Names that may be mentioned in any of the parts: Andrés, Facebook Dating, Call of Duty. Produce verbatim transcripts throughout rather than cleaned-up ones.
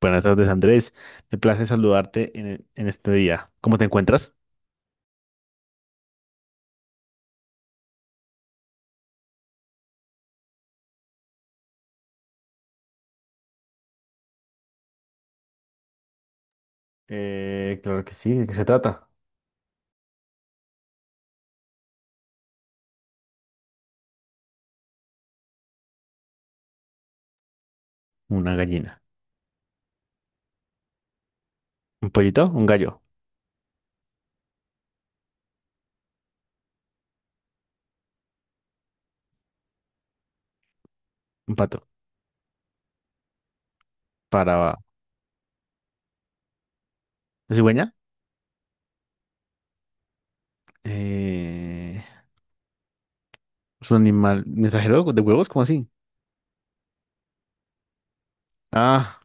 Buenas tardes, Andrés. Me place saludarte en, en este día. ¿Cómo te encuentras? Eh, claro que sí, ¿de qué se trata? Una gallina. ¿Un pollito? ¿Un gallo? ¿Un pato? ¿Para la cigüeña? Eh, ¿Es un animal mensajero de huevos? ¿Cómo así? Ah,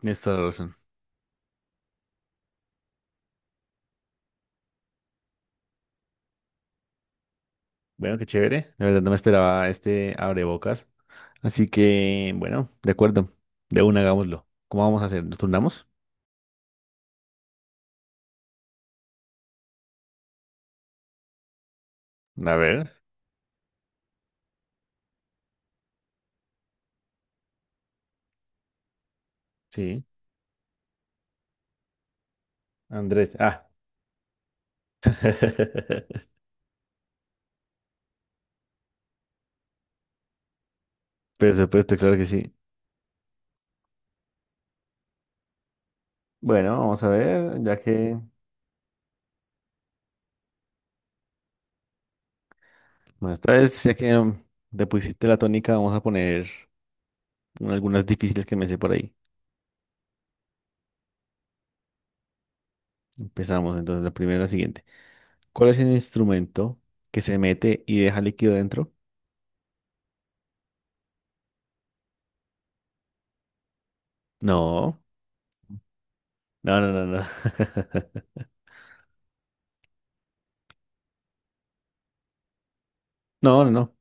tienes toda la razón. Bueno, qué chévere. La verdad no me esperaba este abrebocas. Así que, bueno, de acuerdo. De una, hagámoslo. ¿Cómo vamos a hacer? ¿Nos turnamos? A ver. Sí. Andrés. Ah. Por supuesto, claro que sí. Bueno, vamos a ver, ya que, bueno, esta vez, ya que mm, te pusiste la tónica, vamos a poner un- algunas difíciles que me sé por ahí. Empezamos, entonces, la primera la siguiente. ¿Cuál es el instrumento que se mete y deja líquido dentro? No, no, no, no, no. No, no, no,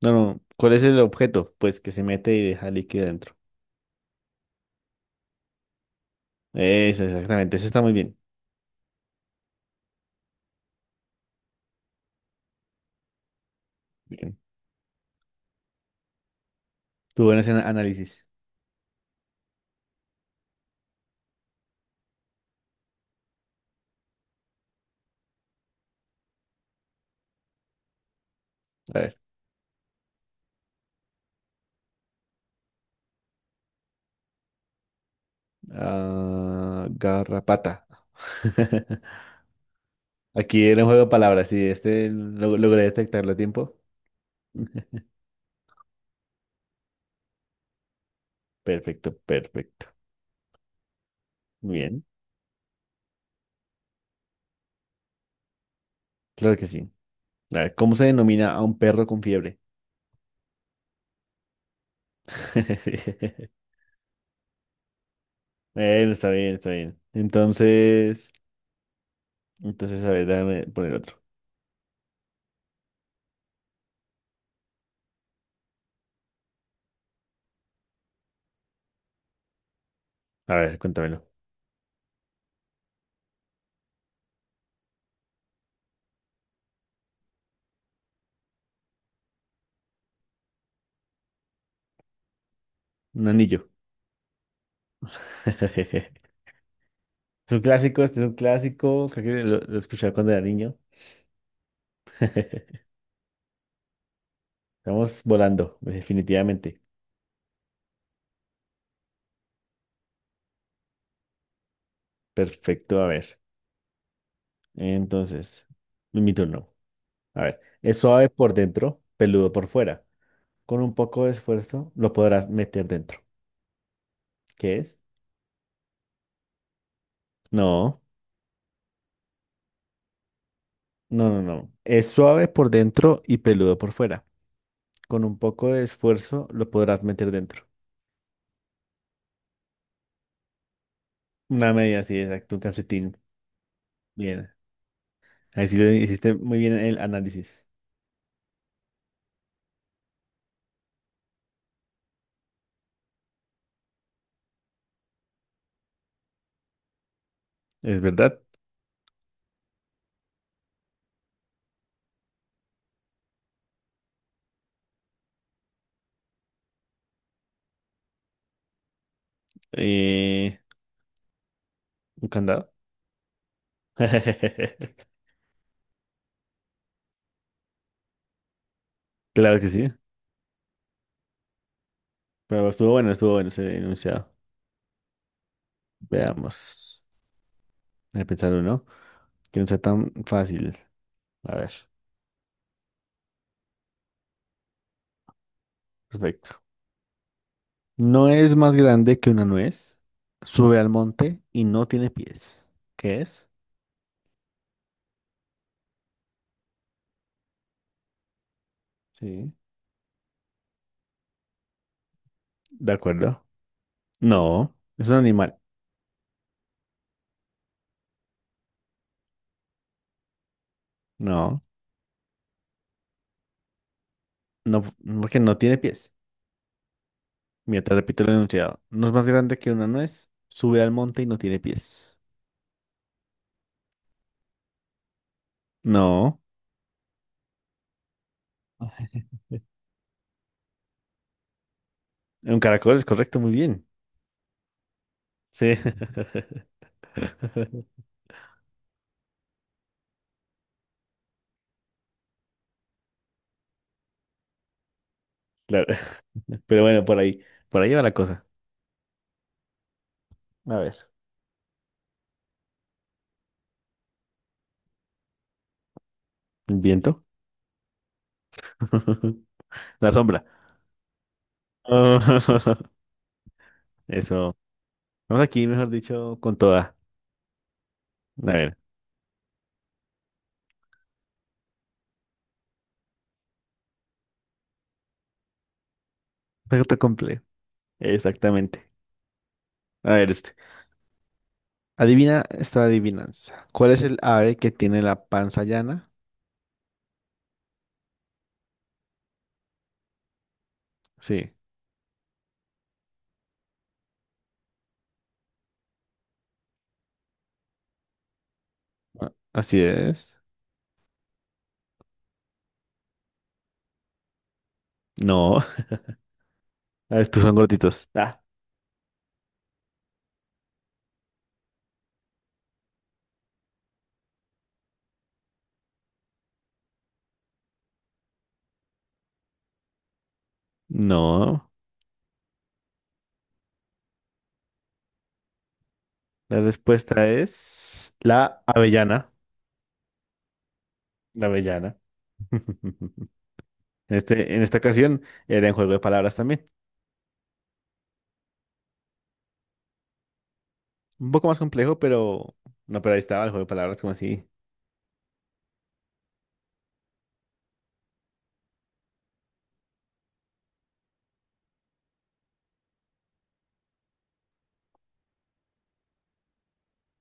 no, no. ¿Cuál es el objeto? Pues que se mete y deja líquido dentro. Eso, exactamente, eso está muy bien. Bien. Tú buen ese análisis. A ver, ah, garrapata. Aquí era un juego de palabras, sí, este lo- logré detectarlo a tiempo. Perfecto, perfecto. Bien, claro que sí. A ver, ¿cómo se denomina a un perro con fiebre? Bueno, está bien, está bien. Entonces, entonces, a ver, déjame poner otro. A ver, cuéntamelo. Un anillo. Es un clásico, este es un clásico. Creo que lo, lo escuchaba cuando era niño. Estamos volando, definitivamente. Perfecto, a ver. Entonces, mi turno. A ver, es suave por dentro, peludo por fuera. Con un poco de esfuerzo lo podrás meter dentro. ¿Qué es? No, no, no, no. Es suave por dentro y peludo por fuera. Con un poco de esfuerzo lo podrás meter dentro. Una media, sí, exacto, un calcetín. Bien. Ahí sí lo hiciste muy bien el análisis. ¿Es verdad? Eh, ¿Un candado? Claro que sí. Pero estuvo bueno, estuvo bueno ese enunciado. Veamos. Voy a pensar uno que no sea tan fácil. A ver. Perfecto. No es más grande que una nuez, sube al monte y no tiene pies. ¿Qué es? Sí. De acuerdo. No, es un animal. No, no, porque no tiene pies. Mira, te repito el enunciado. No es más grande que una nuez, sube al monte y no tiene pies. No. Ay. Un caracol es correcto, muy bien. Sí. Claro. Pero bueno, por ahí, por ahí va la cosa. A ver. ¿El viento? La sombra. Eso. Vamos aquí, mejor dicho, con toda. A ver, te completo. Exactamente. A ver, este. Adivina esta adivinanza. ¿Cuál es el ave que tiene la panza llana? Sí. a- Así es. No. A ver, estos son gorditos. Ah. No. La respuesta es la avellana. La avellana. En este, en esta ocasión era en juego de palabras también. Un poco más complejo, pero... No, pero ahí estaba el juego de palabras como así.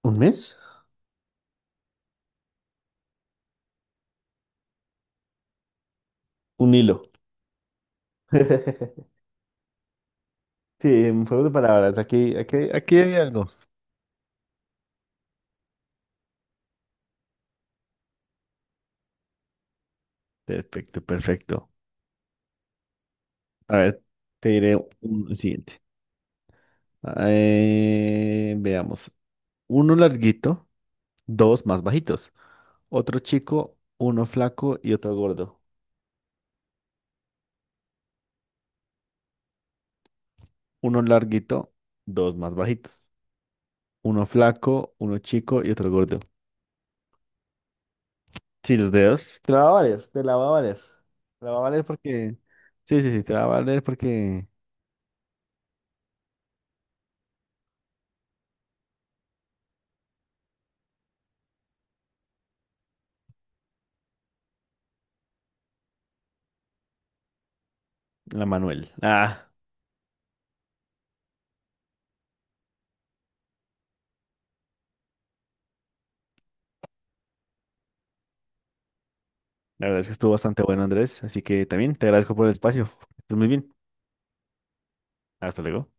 ¿Un mes? Un hilo. Sí, un juego de palabras. Aquí, aquí, aquí hay algo. Perfecto, perfecto. A ver, te diré un el siguiente. Eh, veamos. Uno larguito, dos más bajitos. Otro chico, uno flaco y otro gordo. Uno larguito, dos más bajitos. Uno flaco, uno chico y otro gordo. Sí, los dedos. Te la va a valer, te la va a valer. Te la va a valer porque... Sí, sí, sí, te la va a valer porque... La Manuel. Ah. La verdad es que estuvo bastante bueno, Andrés, así que también te agradezco por el espacio. Que estés muy bien. Hasta luego.